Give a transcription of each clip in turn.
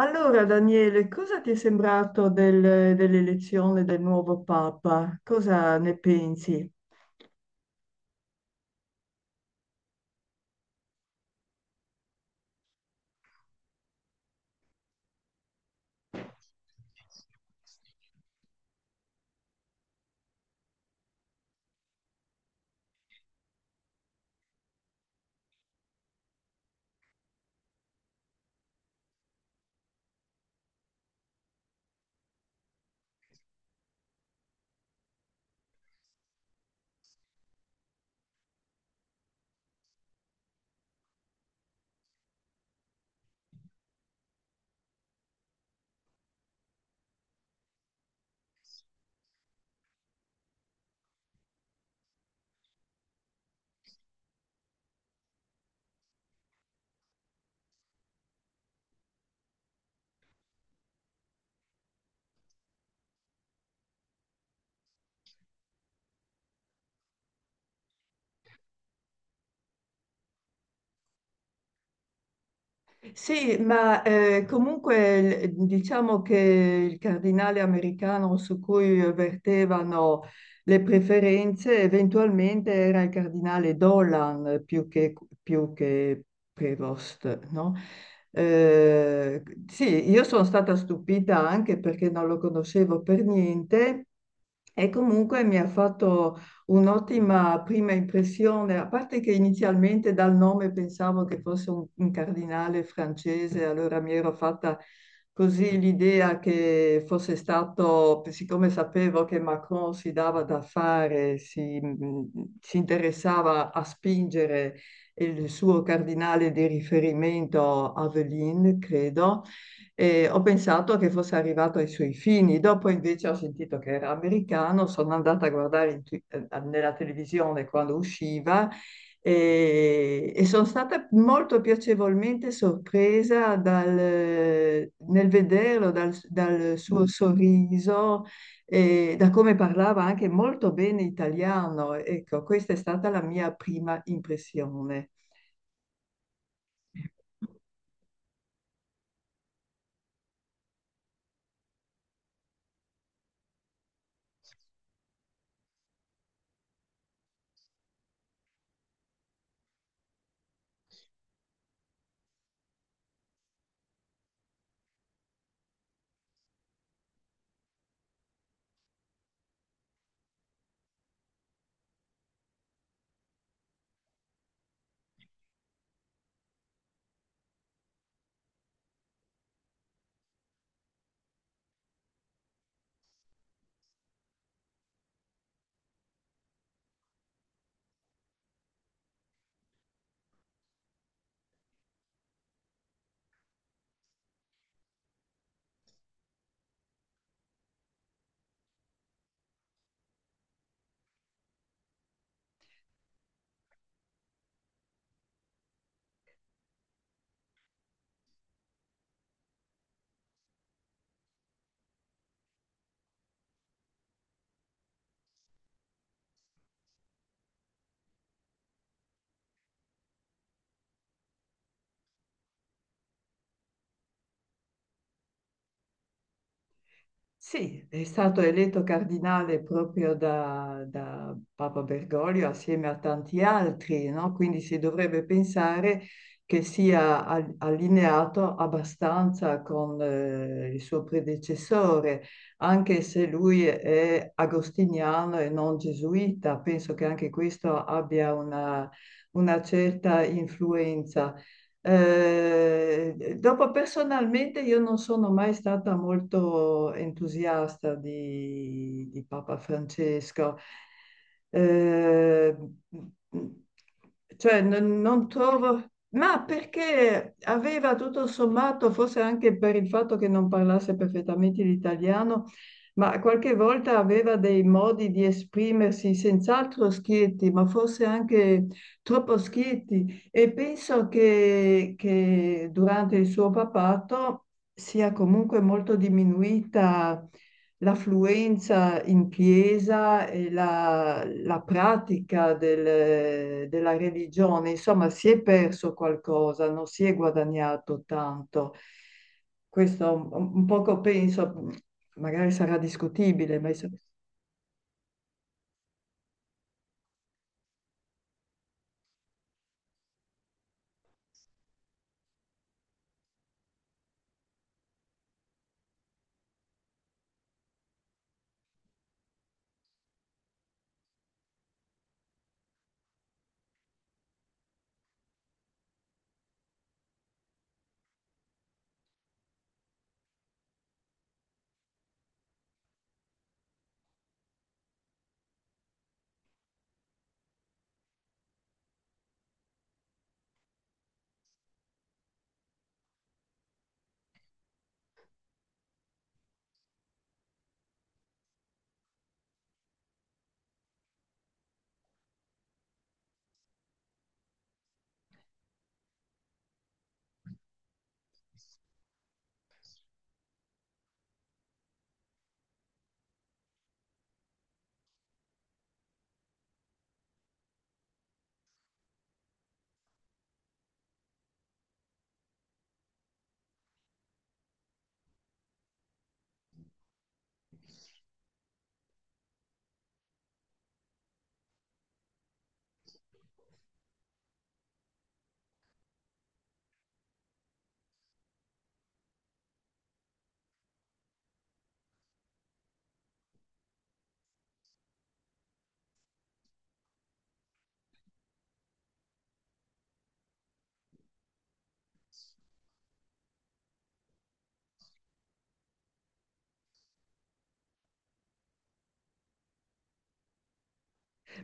Allora, Daniele, cosa ti è sembrato dell'elezione del nuovo Papa? Cosa ne pensi? Sì, ma comunque diciamo che il cardinale americano su cui vertevano le preferenze eventualmente era il cardinale Dolan più che Prevost, no? Eh, sì, io sono stata stupita anche perché non lo conoscevo per niente. E comunque mi ha fatto un'ottima prima impressione, a parte che inizialmente dal nome pensavo che fosse un cardinale francese, allora mi ero fatta così l'idea che fosse stato, siccome sapevo che Macron si dava da fare, si interessava a spingere il suo cardinale di riferimento, Aveline, credo, e ho pensato che fosse arrivato ai suoi fini. Dopo invece ho sentito che era americano, sono andata a guardare in nella televisione quando usciva e sono stata molto piacevolmente sorpresa nel vederlo, dal suo sorriso e da come parlava anche molto bene italiano. Ecco, questa è stata la mia prima impressione. Sì, è stato eletto cardinale proprio da Papa Bergoglio assieme a tanti altri, no? Quindi si dovrebbe pensare che sia allineato abbastanza con il suo predecessore, anche se lui è agostiniano e non gesuita. Penso che anche questo abbia una certa influenza. Dopo personalmente io non sono mai stata molto entusiasta di Papa Francesco. Eh, cioè non trovo, ma perché aveva tutto sommato, forse anche per il fatto che non parlasse perfettamente l'italiano, ma qualche volta aveva dei modi di esprimersi senz'altro schietti, ma forse anche troppo schietti. E penso che durante il suo papato sia comunque molto diminuita l'affluenza in chiesa e la pratica della religione. Insomma, si è perso qualcosa, non si è guadagnato tanto. Questo un poco penso, magari sarà discutibile, ma insomma,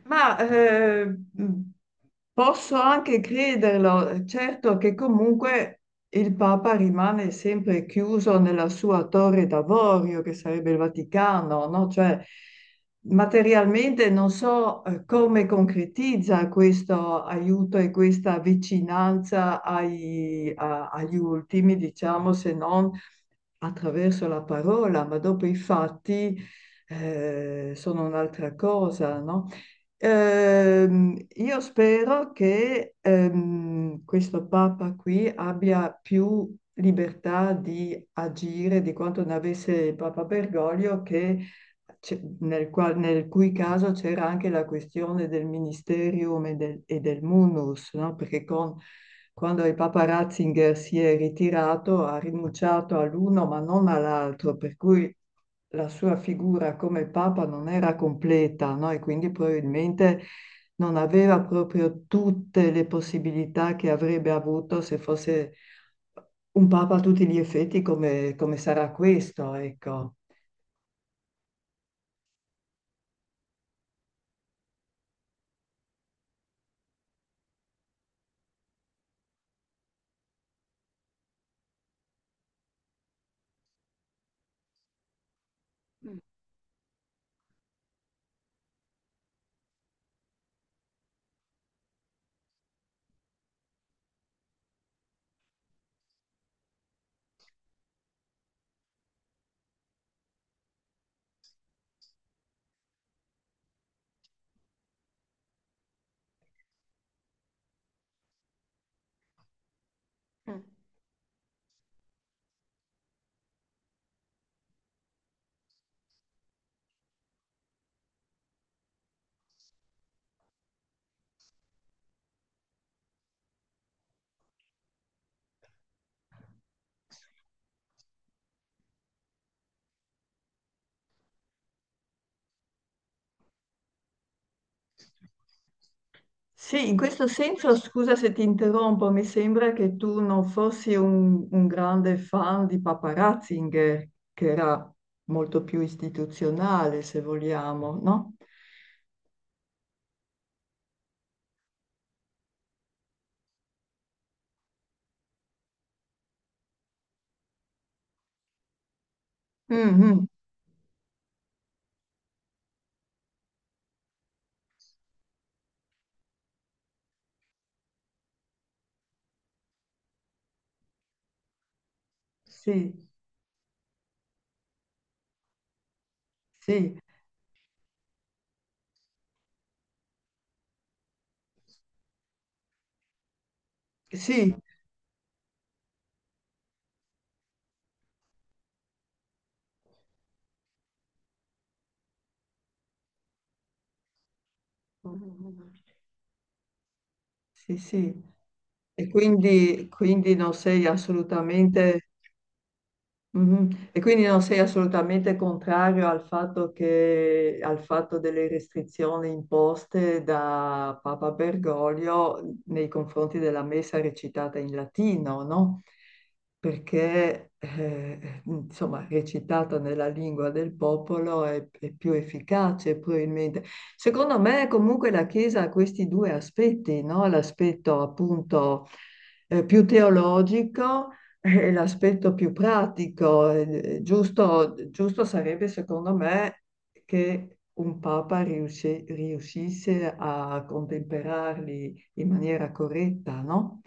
ma posso anche crederlo, certo che comunque il Papa rimane sempre chiuso nella sua torre d'avorio, che sarebbe il Vaticano, no? Cioè, materialmente non so come concretizza questo aiuto e questa vicinanza agli ultimi, diciamo, se non attraverso la parola, ma dopo i fatti sono un'altra cosa, no? Io spero che questo Papa qui abbia più libertà di agire di quanto ne avesse il Papa Bergoglio, che, c'è- nel, qual- nel cui caso c'era anche la questione del ministerium e del munus, no? Quando il Papa Ratzinger si è ritirato ha rinunciato all'uno ma non all'altro, per cui la sua figura come papa non era completa, no? E quindi probabilmente non aveva proprio tutte le possibilità che avrebbe avuto se fosse un papa a tutti gli effetti come, come sarà questo, ecco. Sì, in questo senso, scusa se ti interrompo, mi sembra che tu non fossi un grande fan di Papa Ratzinger, che era molto più istituzionale, se vogliamo, no? Mhm. Sì, sì, sì. Mm. Sì, sì, quindi non sei assolutamente, mhm. E quindi non sei assolutamente contrario al fatto al fatto delle restrizioni imposte da Papa Bergoglio nei confronti della messa recitata in latino, no? Perché, insomma, recitata nella lingua del popolo è più efficace, probabilmente. Secondo me, comunque, la Chiesa ha questi due aspetti, no? L'aspetto appunto più teologico è l'aspetto più pratico. Giusto, giusto sarebbe, secondo me, che un Papa riuscisse a contemperarli in maniera corretta, no?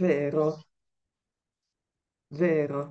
Vero, vero.